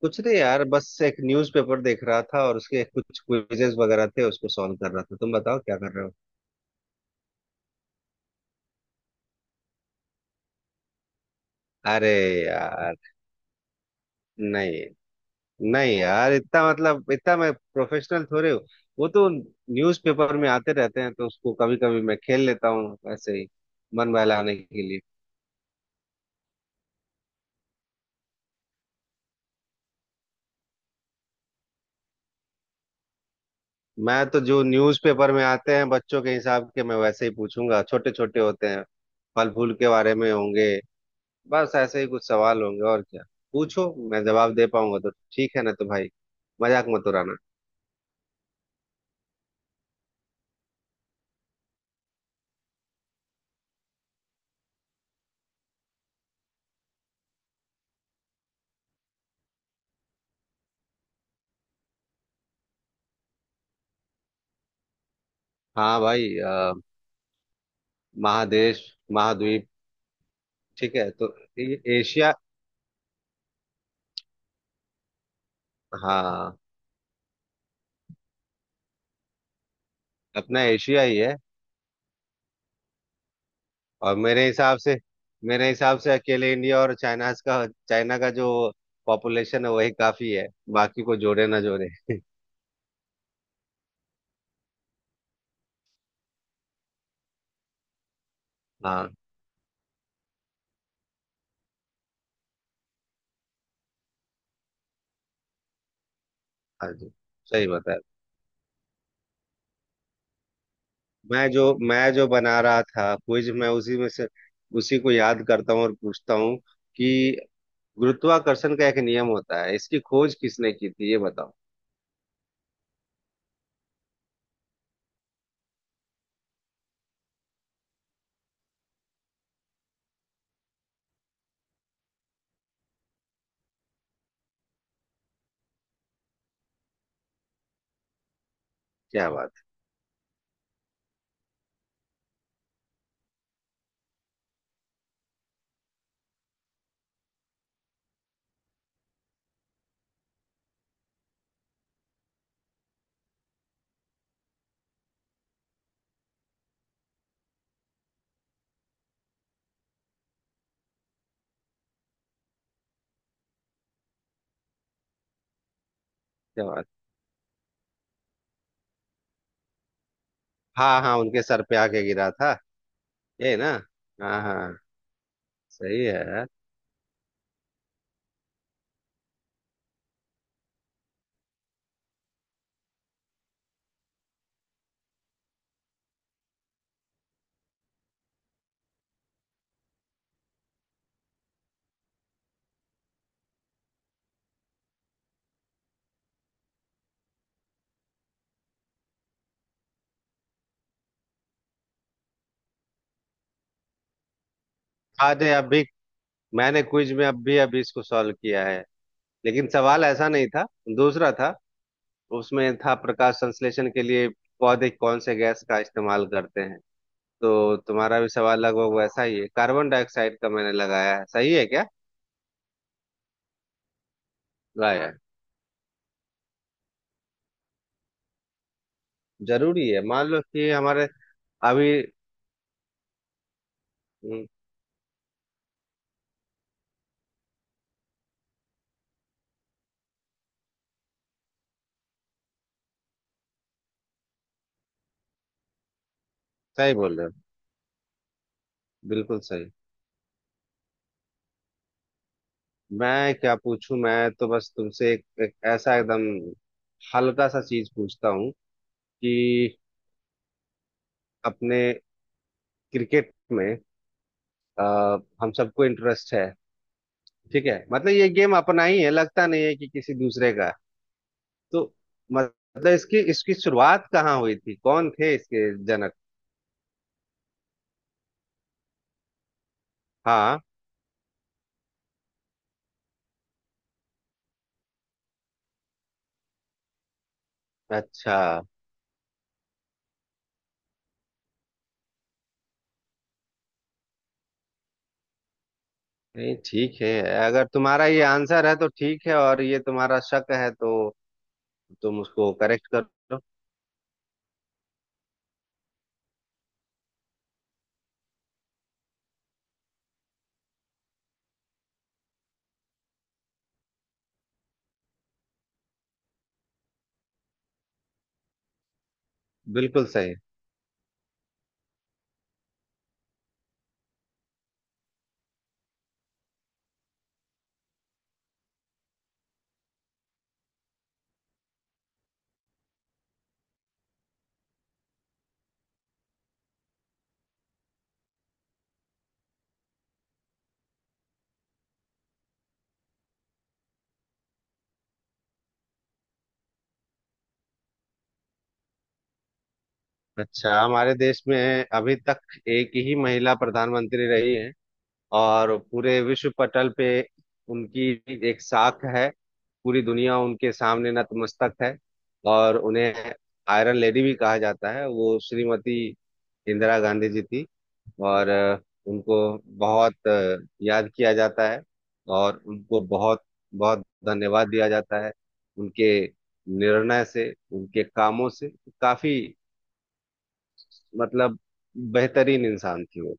कुछ नहीं यार बस एक न्यूज़पेपर देख रहा था और उसके कुछ क्विजेस वगैरह थे उसको सॉल्व कर रहा था। तुम बताओ क्या कर रहे हो? अरे यार, नहीं। नहीं यार, इतना मतलब इतना मैं प्रोफेशनल थोड़े हूँ। वो तो न्यूज़पेपर में आते रहते हैं तो उसको कभी कभी मैं खेल लेता हूँ, ऐसे ही मन बहलाने के लिए। मैं तो जो न्यूज़पेपर में आते हैं बच्चों के हिसाब के, मैं वैसे ही पूछूंगा, छोटे छोटे होते हैं, फल फूल के बारे में होंगे। बस ऐसे ही कुछ सवाल होंगे और क्या। पूछो, मैं जवाब दे पाऊंगा तो ठीक है ना, तो भाई मजाक मत उड़ाना। हाँ भाई, महादेश, महाद्वीप। ठीक है, तो एशिया। हाँ, अपना एशिया ही है। और मेरे हिसाब से अकेले इंडिया और चाइना का जो पॉपुलेशन है वही काफी है, बाकी को जोड़े ना जोड़े। हाँ हाँ जी, सही बताया। मैं जो बना रहा था क्विज, मैं उसी में से उसी को याद करता हूँ और पूछता हूँ कि गुरुत्वाकर्षण का एक नियम होता है, इसकी खोज किसने की थी ये बताओ। क्या बात है, क्या बात। हाँ हाँ, उनके सर पे आके गिरा था। ये ना। हाँ हाँ। सही है। आज है, अभी मैंने क्विज में अभी अभी इसको सॉल्व किया है, लेकिन सवाल ऐसा नहीं था, दूसरा था। उसमें था, प्रकाश संश्लेषण के लिए पौधे कौन से गैस का इस्तेमाल करते हैं। तो तुम्हारा भी सवाल लगभग वैसा ही है, कार्बन डाइऑक्साइड का मैंने लगाया है, सही है क्या? लगाया है। जरूरी है, मान लो कि हमारे अभी। हम्म, सही बोल रहे हो। बिल्कुल सही। मैं क्या पूछूं, मैं तो बस तुमसे एक ऐसा एकदम हल्का सा चीज पूछता हूँ कि अपने क्रिकेट में, हम सबको इंटरेस्ट है। ठीक है, मतलब ये गेम अपना ही है, लगता नहीं है कि किसी दूसरे का है। तो मतलब इसकी इसकी शुरुआत कहाँ हुई थी, कौन थे इसके जनक? हाँ, अच्छा। नहीं ठीक है, अगर तुम्हारा ये आंसर है तो ठीक है, और ये तुम्हारा शक है तो तुम उसको करेक्ट करो। बिल्कुल सही। अच्छा, हमारे देश में अभी तक एक ही महिला प्रधानमंत्री रही है, और पूरे विश्व पटल पे उनकी एक साख है, पूरी दुनिया उनके सामने नतमस्तक है, और उन्हें आयरन लेडी भी कहा जाता है, वो श्रीमती इंदिरा गांधी जी थी। और उनको बहुत याद किया जाता है, और उनको बहुत बहुत धन्यवाद दिया जाता है, उनके निर्णय से उनके कामों से, काफी मतलब बेहतरीन इंसान थी वो।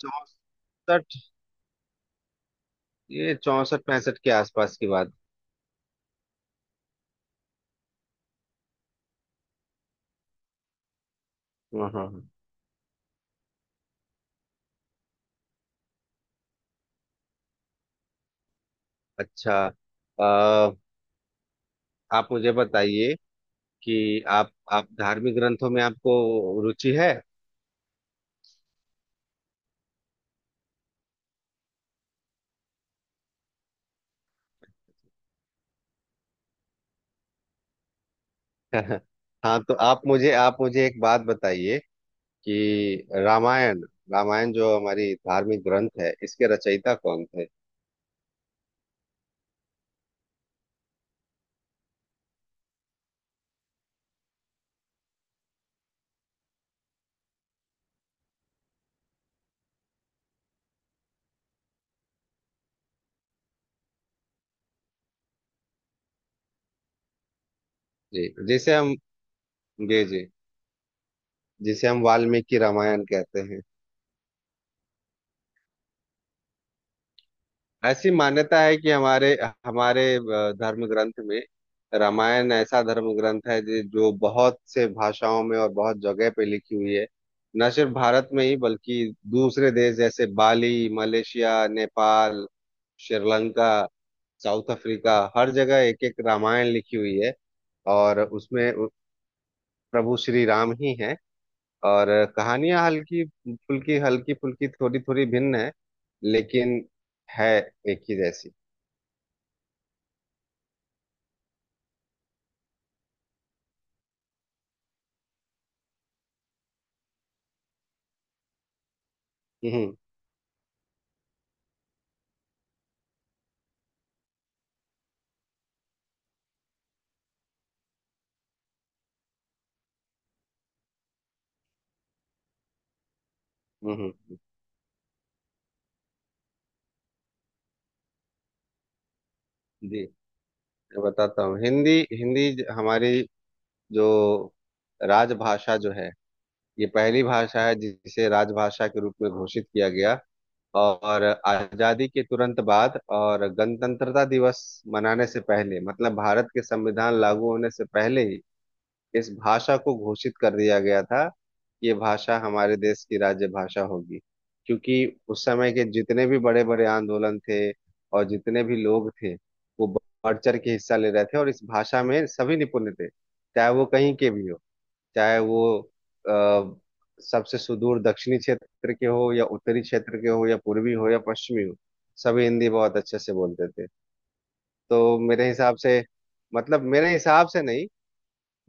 64। ये 64-65 के आसपास की बात। हाँ हाँ हाँ। अच्छा, आ, आप मुझे बताइए कि आप धार्मिक ग्रंथों में आपको रुचि है? हाँ, तो आप मुझे एक बात बताइए कि रामायण, रामायण जो हमारी धार्मिक ग्रंथ है, इसके रचयिता कौन थे? जी, जिसे हम, जी जी, जिसे हम वाल्मीकि रामायण कहते हैं। ऐसी मान्यता है कि हमारे हमारे धर्म ग्रंथ में, रामायण ऐसा धर्म ग्रंथ है जो बहुत से भाषाओं में और बहुत जगह पे लिखी हुई है, न सिर्फ भारत में ही बल्कि दूसरे देश जैसे Bali, Malaysia, Nepal, Sri Lanka, South Africa, हर जगह एक एक रामायण लिखी हुई है। और उसमें प्रभु श्री राम ही हैं, और कहानियां हल्की फुल्की थोड़ी थोड़ी भिन्न है, लेकिन है एक ही जैसी। हम्म हम्म हम्म। जी, मैं बताता हूँ, हिंदी, हिंदी हमारी जो राजभाषा जो है, ये पहली भाषा है जिसे राजभाषा के रूप में घोषित किया गया, और आजादी के तुरंत बाद और गणतंत्रता दिवस मनाने से पहले, मतलब भारत के संविधान लागू होने से पहले ही, इस भाषा को घोषित कर दिया गया था कि ये भाषा हमारे देश की राज्य भाषा होगी। क्योंकि उस समय के जितने भी बड़े बड़े आंदोलन थे और जितने भी लोग थे, वो बढ़ चढ़ के हिस्सा ले रहे थे, और इस भाषा में सभी निपुण थे। चाहे वो कहीं के भी हो, चाहे वो अ, सबसे सुदूर दक्षिणी क्षेत्र के हो या उत्तरी क्षेत्र के हो या पूर्वी हो या पश्चिमी हो, सभी हिंदी बहुत अच्छे से बोलते थे। तो मेरे हिसाब से, मतलब मेरे हिसाब से नहीं,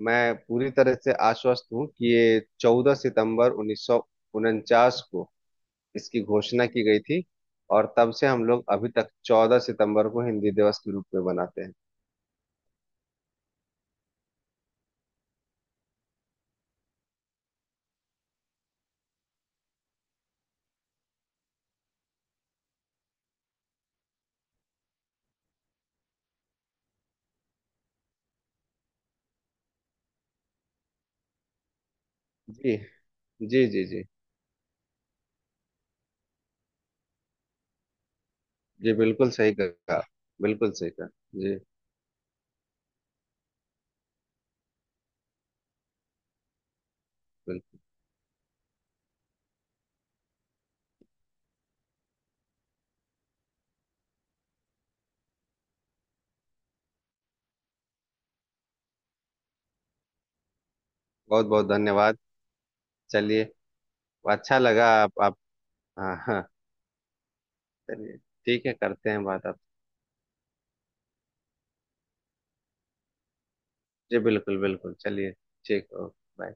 मैं पूरी तरह से आश्वस्त हूँ कि ये 14 सितंबर 1949 को इसकी घोषणा की गई थी, और तब से हम लोग अभी तक 14 सितंबर को हिंदी दिवस के रूप में मनाते हैं। जी जी जी जी जी, बिल्कुल सही कहा। बिल्कुल सही कहा। जी बिल्कुल। बहुत बहुत धन्यवाद। चलिए, अच्छा लगा, आप। हाँ हाँ। चलिए ठीक है, करते हैं बात आप। जी, बिल्कुल बिल्कुल, चलिए। ठीक, ओके बाय।